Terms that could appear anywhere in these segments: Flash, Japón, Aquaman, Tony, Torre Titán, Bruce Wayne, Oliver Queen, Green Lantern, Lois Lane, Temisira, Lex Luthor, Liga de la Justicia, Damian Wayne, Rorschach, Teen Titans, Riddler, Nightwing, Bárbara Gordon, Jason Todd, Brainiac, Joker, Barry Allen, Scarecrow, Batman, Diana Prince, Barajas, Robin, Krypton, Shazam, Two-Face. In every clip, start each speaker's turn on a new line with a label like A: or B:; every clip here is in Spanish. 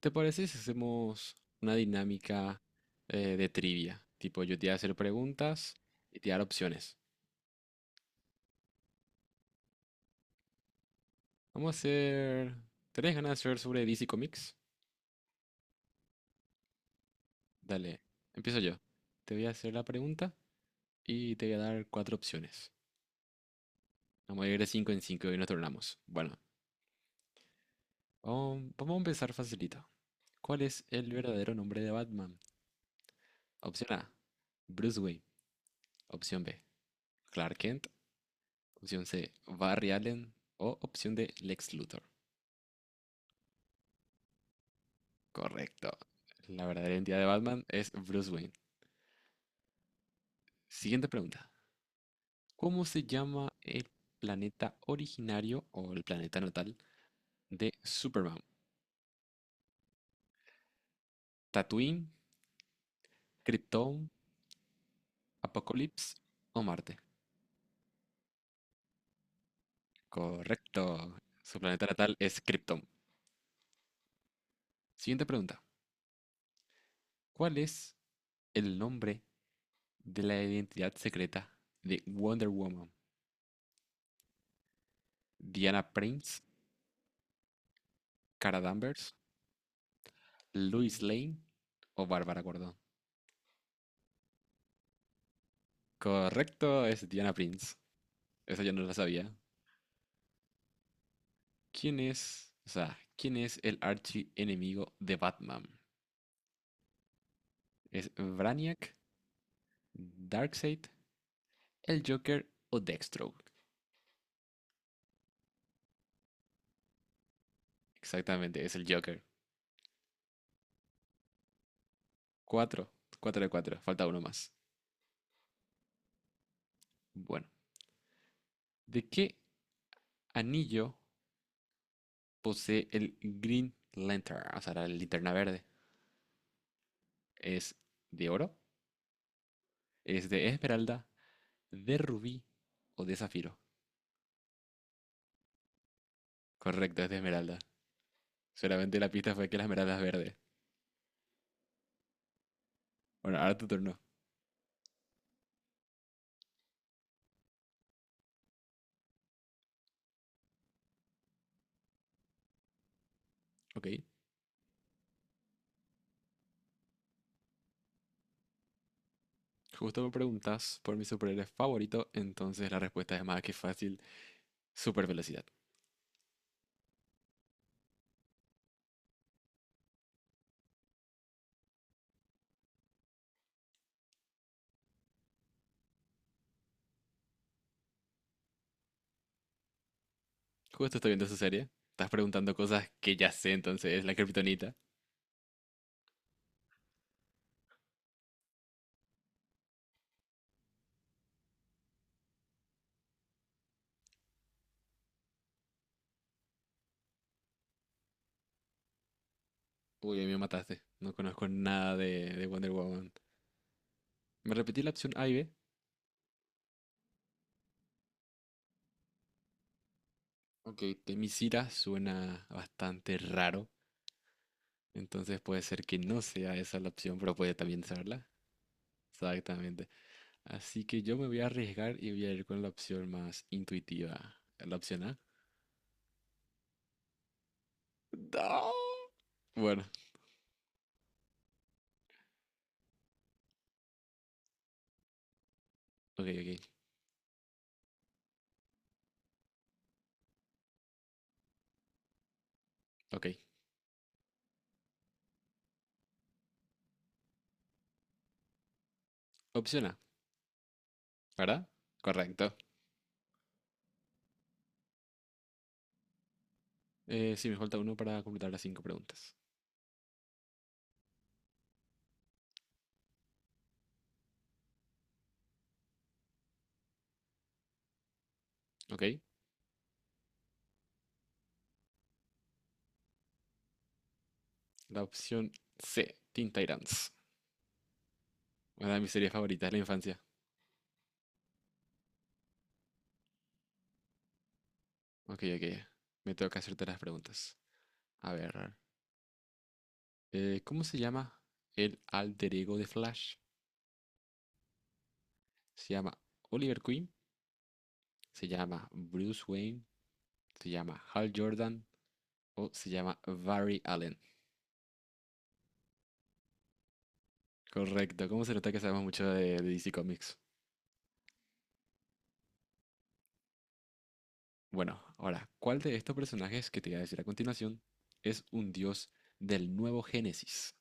A: ¿Te parece si hacemos una dinámica de trivia? Tipo, yo te voy a hacer preguntas y te voy a dar opciones. Vamos a hacer... ¿Tenés ganas de hacer sobre DC Comics? Dale, empiezo yo. Te voy a hacer la pregunta y te voy a dar cuatro opciones. Vamos a ir de cinco en cinco y nos tornamos. Bueno, vamos a empezar facilito. ¿Cuál es el verdadero nombre de Batman? Opción A, Bruce Wayne. Opción B, Clark Kent. Opción C, Barry Allen. O opción D, Lex Luthor. Correcto. La verdadera identidad de Batman es Bruce Wayne. Siguiente pregunta. ¿Cómo se llama el planeta originario o el planeta natal de Superman? ¿Tatooine, Krypton, Apocalipsis o Marte? Correcto. Su planeta natal es Krypton. Siguiente pregunta. ¿Cuál es el nombre de la identidad secreta de Wonder Woman? ¿Diana Prince, Cara Danvers, Lois Lane o Bárbara Gordon? Correcto, es Diana Prince. Esa yo no la sabía. ¿Quién es, o sea, quién es el archienemigo de Batman? ¿Es Brainiac, Darkseid, el Joker o Deathstroke? Exactamente, es el Joker. Cuatro, cuatro de cuatro, falta uno más. Bueno, ¿de qué anillo posee el Green Lantern? O sea, la linterna verde. ¿Es de oro? ¿Es de esmeralda, de rubí o de zafiro? Correcto, es de esmeralda. Solamente la pista fue que la esmeralda es verde. Bueno, ahora tu turno. Ok. Justo me preguntas por mi superhéroe favorito, entonces la respuesta es más que fácil, super velocidad. Justo estoy viendo esa serie, estás preguntando cosas que ya sé, entonces es la kriptonita. Uy, ahí me mataste, no conozco nada de Wonder Woman. Me repetí la opción A y B. Ok, Temisira suena bastante raro, entonces puede ser que no sea esa la opción, pero puede también serla. Exactamente. Así que yo me voy a arriesgar y voy a ir con la opción más intuitiva. ¿La opción A? No. Bueno, ok, ok, ok. Opción A, ¿verdad? Correcto. Sí, me falta uno para completar las cinco preguntas. Ok. La opción C, Teen Titans. Una de mis series favoritas de la infancia. Ok, ok. Me toca hacerte las preguntas. A ver. ¿Cómo se llama el alter ego de Flash? ¿Se llama Oliver Queen? ¿Se llama Bruce Wayne? ¿Se llama Hal Jordan? O se llama Barry Allen. Correcto, ¿cómo se nota que sabemos mucho de DC Comics? Bueno, ahora, ¿cuál de estos personajes que te voy a decir a continuación es un dios del nuevo Génesis?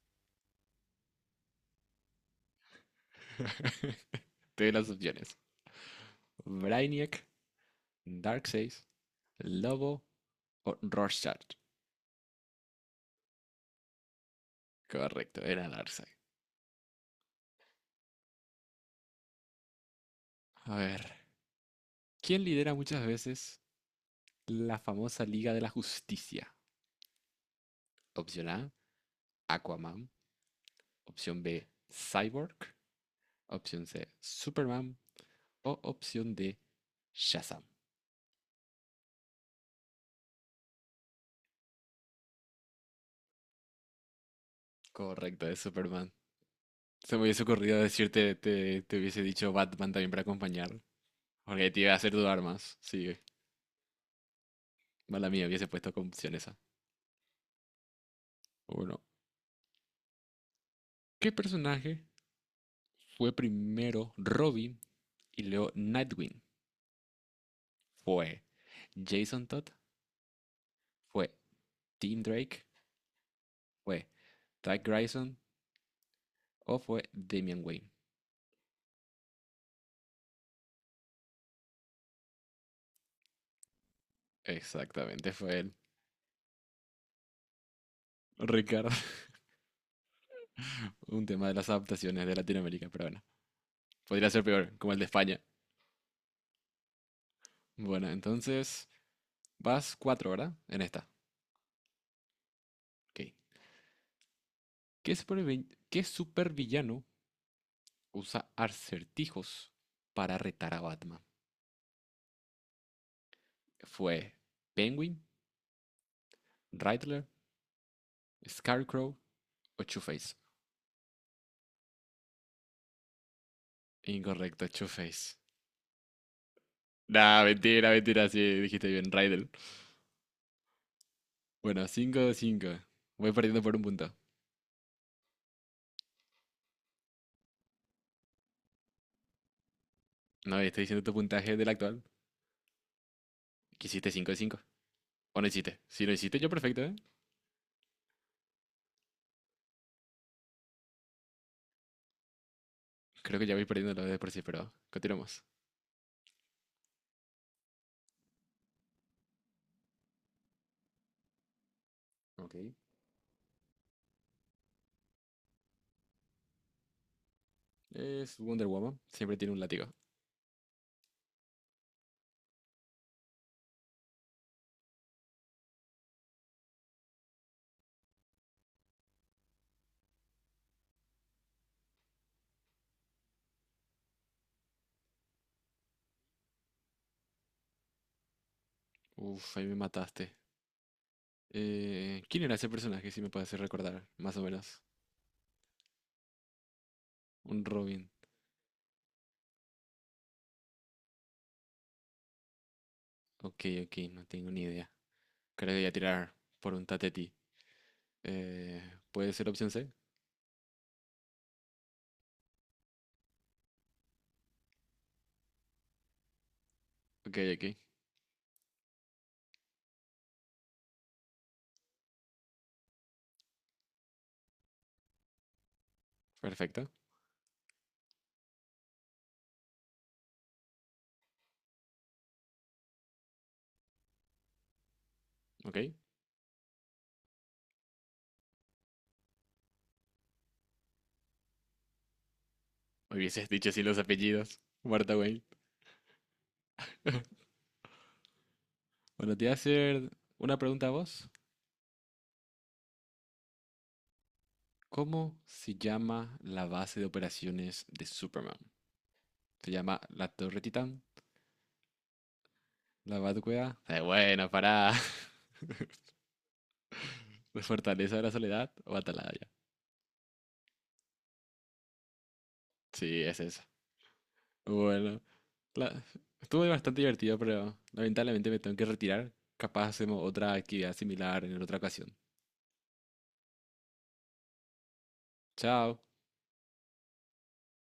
A: Te doy las opciones. Brainiac, Darkseid, Lobo o Rorschach. Correcto, era Darkseid. A ver, ¿quién lidera muchas veces la famosa Liga de la Justicia? Opción A, Aquaman. Opción B, Cyborg. Opción C, Superman. O opción D, Shazam. Correcto, es Superman. Se me hubiese ocurrido decirte, te hubiese dicho Batman también para acompañar. Porque te iba a hacer dudar más. Sigue. Mala mía, hubiese puesto como opción esa. Uno. ¿Qué personaje fue primero Robin y luego Nightwing? ¿Fue Jason Todd? ¿Fue Tim Drake? ¿Fue Doug Grayson? ¿O fue Damian Wayne? Exactamente, fue él. Ricardo, un tema de las adaptaciones de Latinoamérica, pero bueno. Podría ser peor, como el de España. Bueno, entonces vas cuatro, ¿verdad? En esta. Ok. ¿Qué supervillano usa acertijos para retar a Batman? ¿Fue Penguin, Riddler, Scarecrow o Two-Face? Incorrecto, Two-Face. Nah, mentira, mentira, sí, dijiste bien, Riddler. Bueno, 5, de 5. Voy perdiendo por un punto. No, estoy diciendo tu puntaje del actual. ¿Que hiciste 5 de cinco? ¿O no hiciste? Si lo hiciste, yo perfecto, ¿eh? Creo que ya voy perdiendo lo de por sí, pero continuamos. Ok. Es Wonder Woman, siempre tiene un látigo. Uf, ahí me mataste. ¿Quién era ese personaje, si me puedes hacer recordar, más o menos? Un Robin. Ok, ok, no tengo ni idea. Creo que voy a tirar por un Tateti. Eh, ¿Puede ser opción C? Ok, ok, perfecto. Ok, hubieses dicho así los apellidos. Martha Wayne. Bueno, te voy a hacer una pregunta a vos. ¿Cómo se llama la base de operaciones de Superman? ¿Se llama la Torre Titán? ¿La Batucueva? Bueno, pará. Fortaleza de la Soledad o Atalaya. Sí, es eso. Bueno, la- estuvo bastante divertido, pero lamentablemente me tengo que retirar. Capaz hacemos otra actividad similar en otra ocasión. Chao.